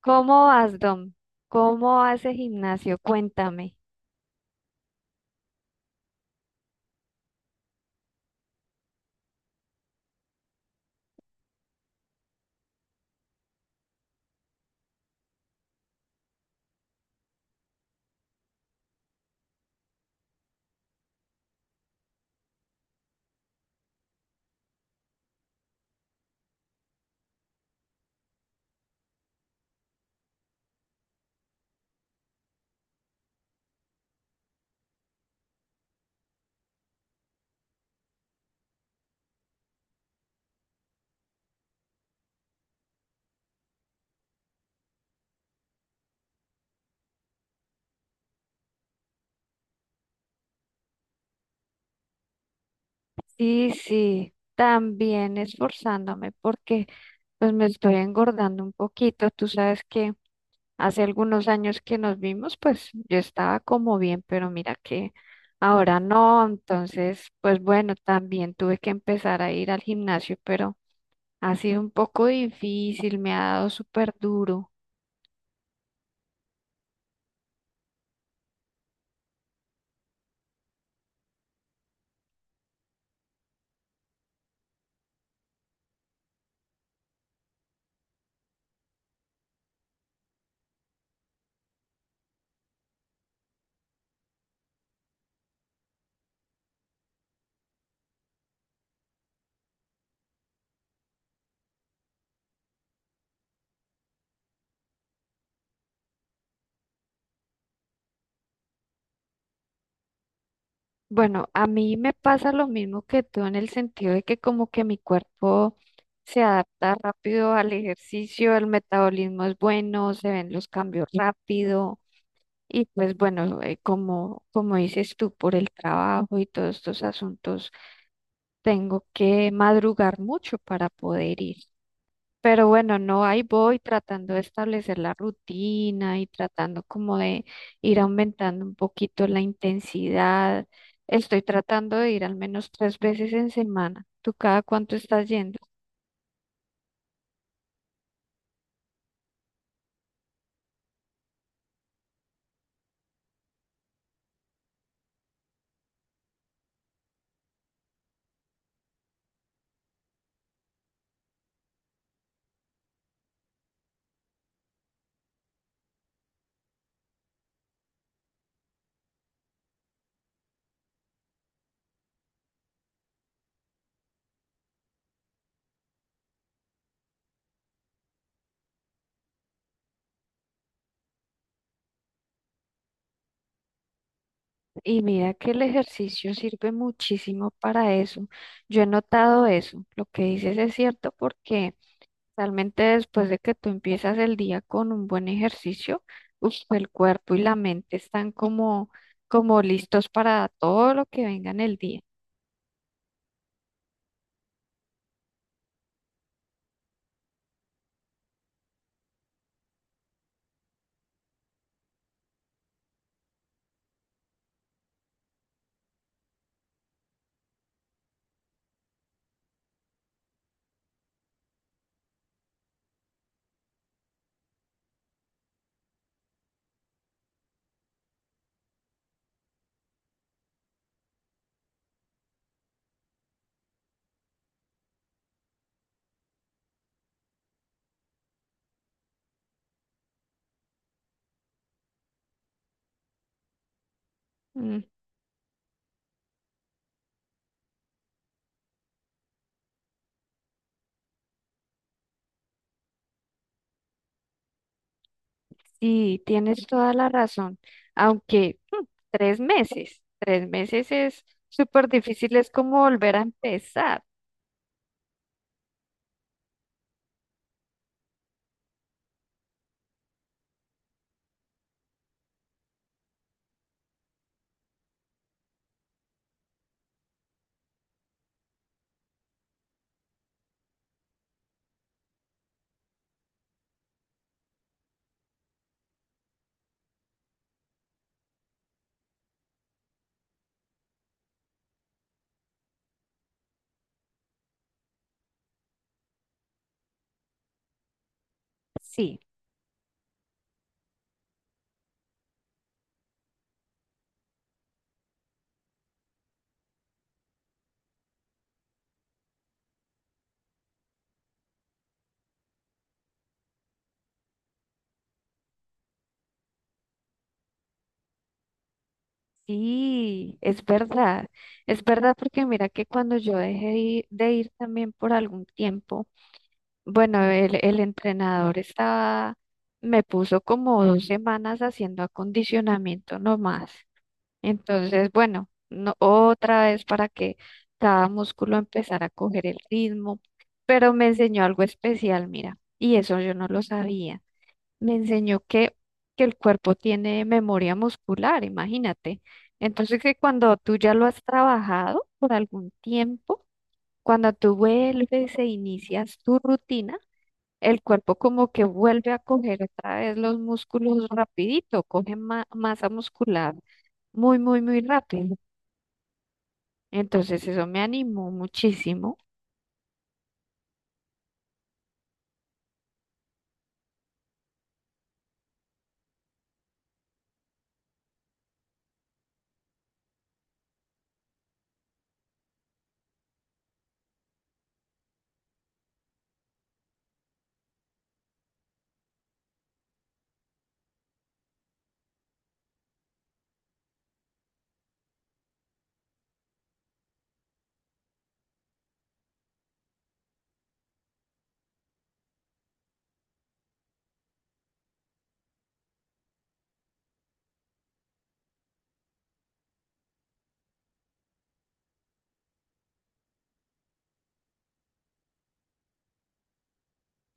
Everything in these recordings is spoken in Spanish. ¿Cómo vas, Dom? ¿Cómo hace gimnasio? Cuéntame. Sí, sí, también esforzándome porque pues me estoy engordando un poquito. Tú sabes que hace algunos años que nos vimos, pues yo estaba como bien, pero mira que ahora no. Entonces, pues bueno, también tuve que empezar a ir al gimnasio, pero ha sido un poco difícil, me ha dado súper duro. Bueno, a mí me pasa lo mismo que tú en el sentido de que como que mi cuerpo se adapta rápido al ejercicio, el metabolismo es bueno, se ven los cambios rápido. Y pues bueno, como, como dices tú, por el trabajo y todos estos asuntos, tengo que madrugar mucho para poder ir. Pero bueno, no, ahí voy tratando de establecer la rutina y tratando como de ir aumentando un poquito la intensidad. Estoy tratando de ir al menos tres veces en semana. ¿Tú cada cuánto estás yendo? Y mira que el ejercicio sirve muchísimo para eso. Yo he notado eso. Lo que dices es cierto porque realmente después de que tú empiezas el día con un buen ejercicio, uf, el cuerpo y la mente están como, como listos para todo lo que venga en el día. Mm. Sí, tienes toda la razón. Aunque tres meses es súper difícil, es como volver a empezar. Sí. Sí, es verdad porque mira que cuando yo dejé de ir también por algún tiempo, bueno, el entrenador estaba, me puso como dos semanas haciendo acondicionamiento nomás. Entonces, bueno, no, otra vez para que cada músculo empezara a coger el ritmo, pero me enseñó algo especial, mira, y eso yo no lo sabía. Me enseñó que el cuerpo tiene memoria muscular, imagínate. Entonces que cuando tú ya lo has trabajado por algún tiempo, cuando tú vuelves e inicias tu rutina, el cuerpo como que vuelve a coger otra vez los músculos rapidito, coge masa muscular muy, muy, muy rápido. Entonces eso me animó muchísimo.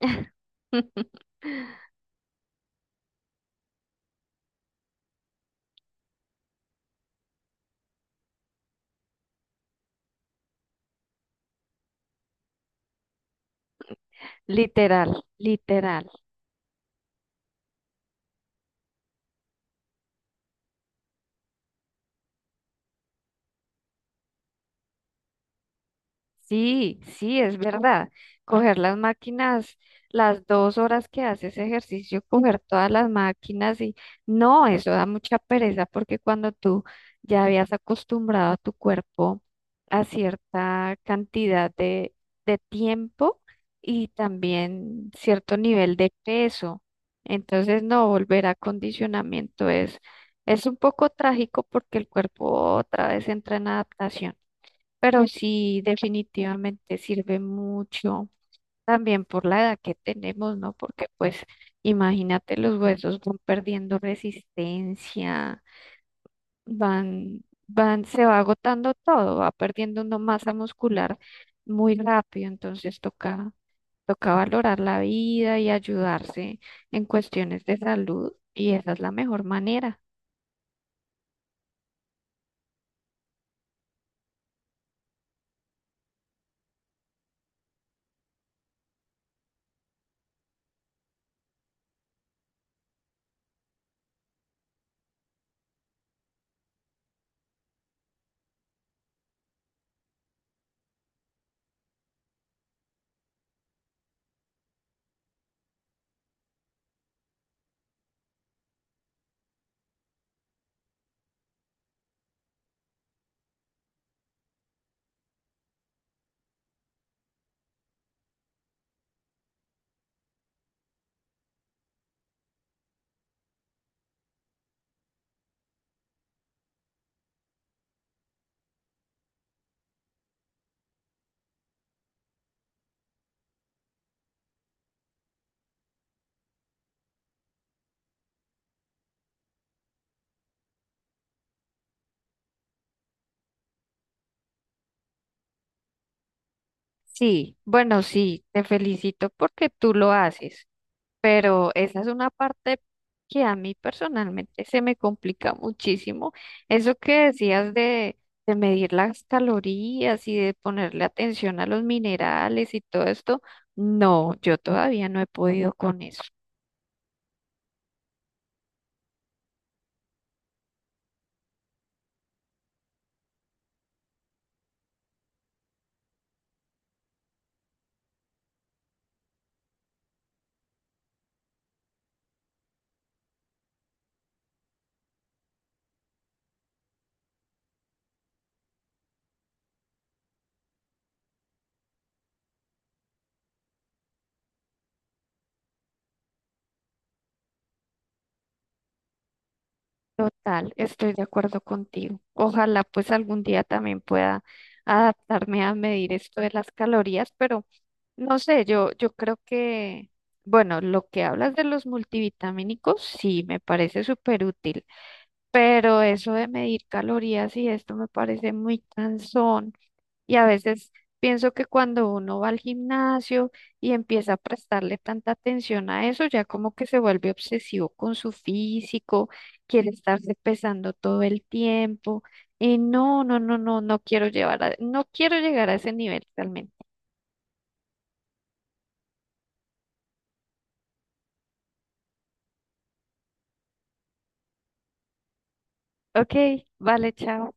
Literal, literal. Sí, sí, es verdad. Coger las máquinas, las dos horas que haces ejercicio, coger todas las máquinas y no, eso da mucha pereza porque cuando tú ya habías acostumbrado a tu cuerpo a cierta cantidad de tiempo y también cierto nivel de peso, entonces no volver a condicionamiento es un poco trágico porque el cuerpo otra vez entra en adaptación. Pero sí, definitivamente sirve mucho también por la edad que tenemos, ¿no? Porque pues imagínate, los huesos van perdiendo resistencia, van, se va agotando todo, va perdiendo una masa muscular muy rápido, entonces toca, toca valorar la vida y ayudarse en cuestiones de salud y esa es la mejor manera. Sí, bueno, sí, te felicito porque tú lo haces. Pero esa es una parte que a mí personalmente se me complica muchísimo. Eso que decías de medir las calorías y de ponerle atención a los minerales y todo esto, no, yo todavía no he podido con eso. Total, estoy de acuerdo contigo. Ojalá pues algún día también pueda adaptarme a medir esto de las calorías, pero no sé, yo creo que, bueno, lo que hablas de los multivitamínicos, sí, me parece súper útil. Pero eso de medir calorías y esto me parece muy cansón. Y a veces pienso que cuando uno va al gimnasio y empieza a prestarle tanta atención a eso, ya como que se vuelve obsesivo con su físico, quiere estarse pesando todo el tiempo. Y no, no, no, no, no quiero llevar no quiero llegar a ese nivel realmente. Ok, vale, chao.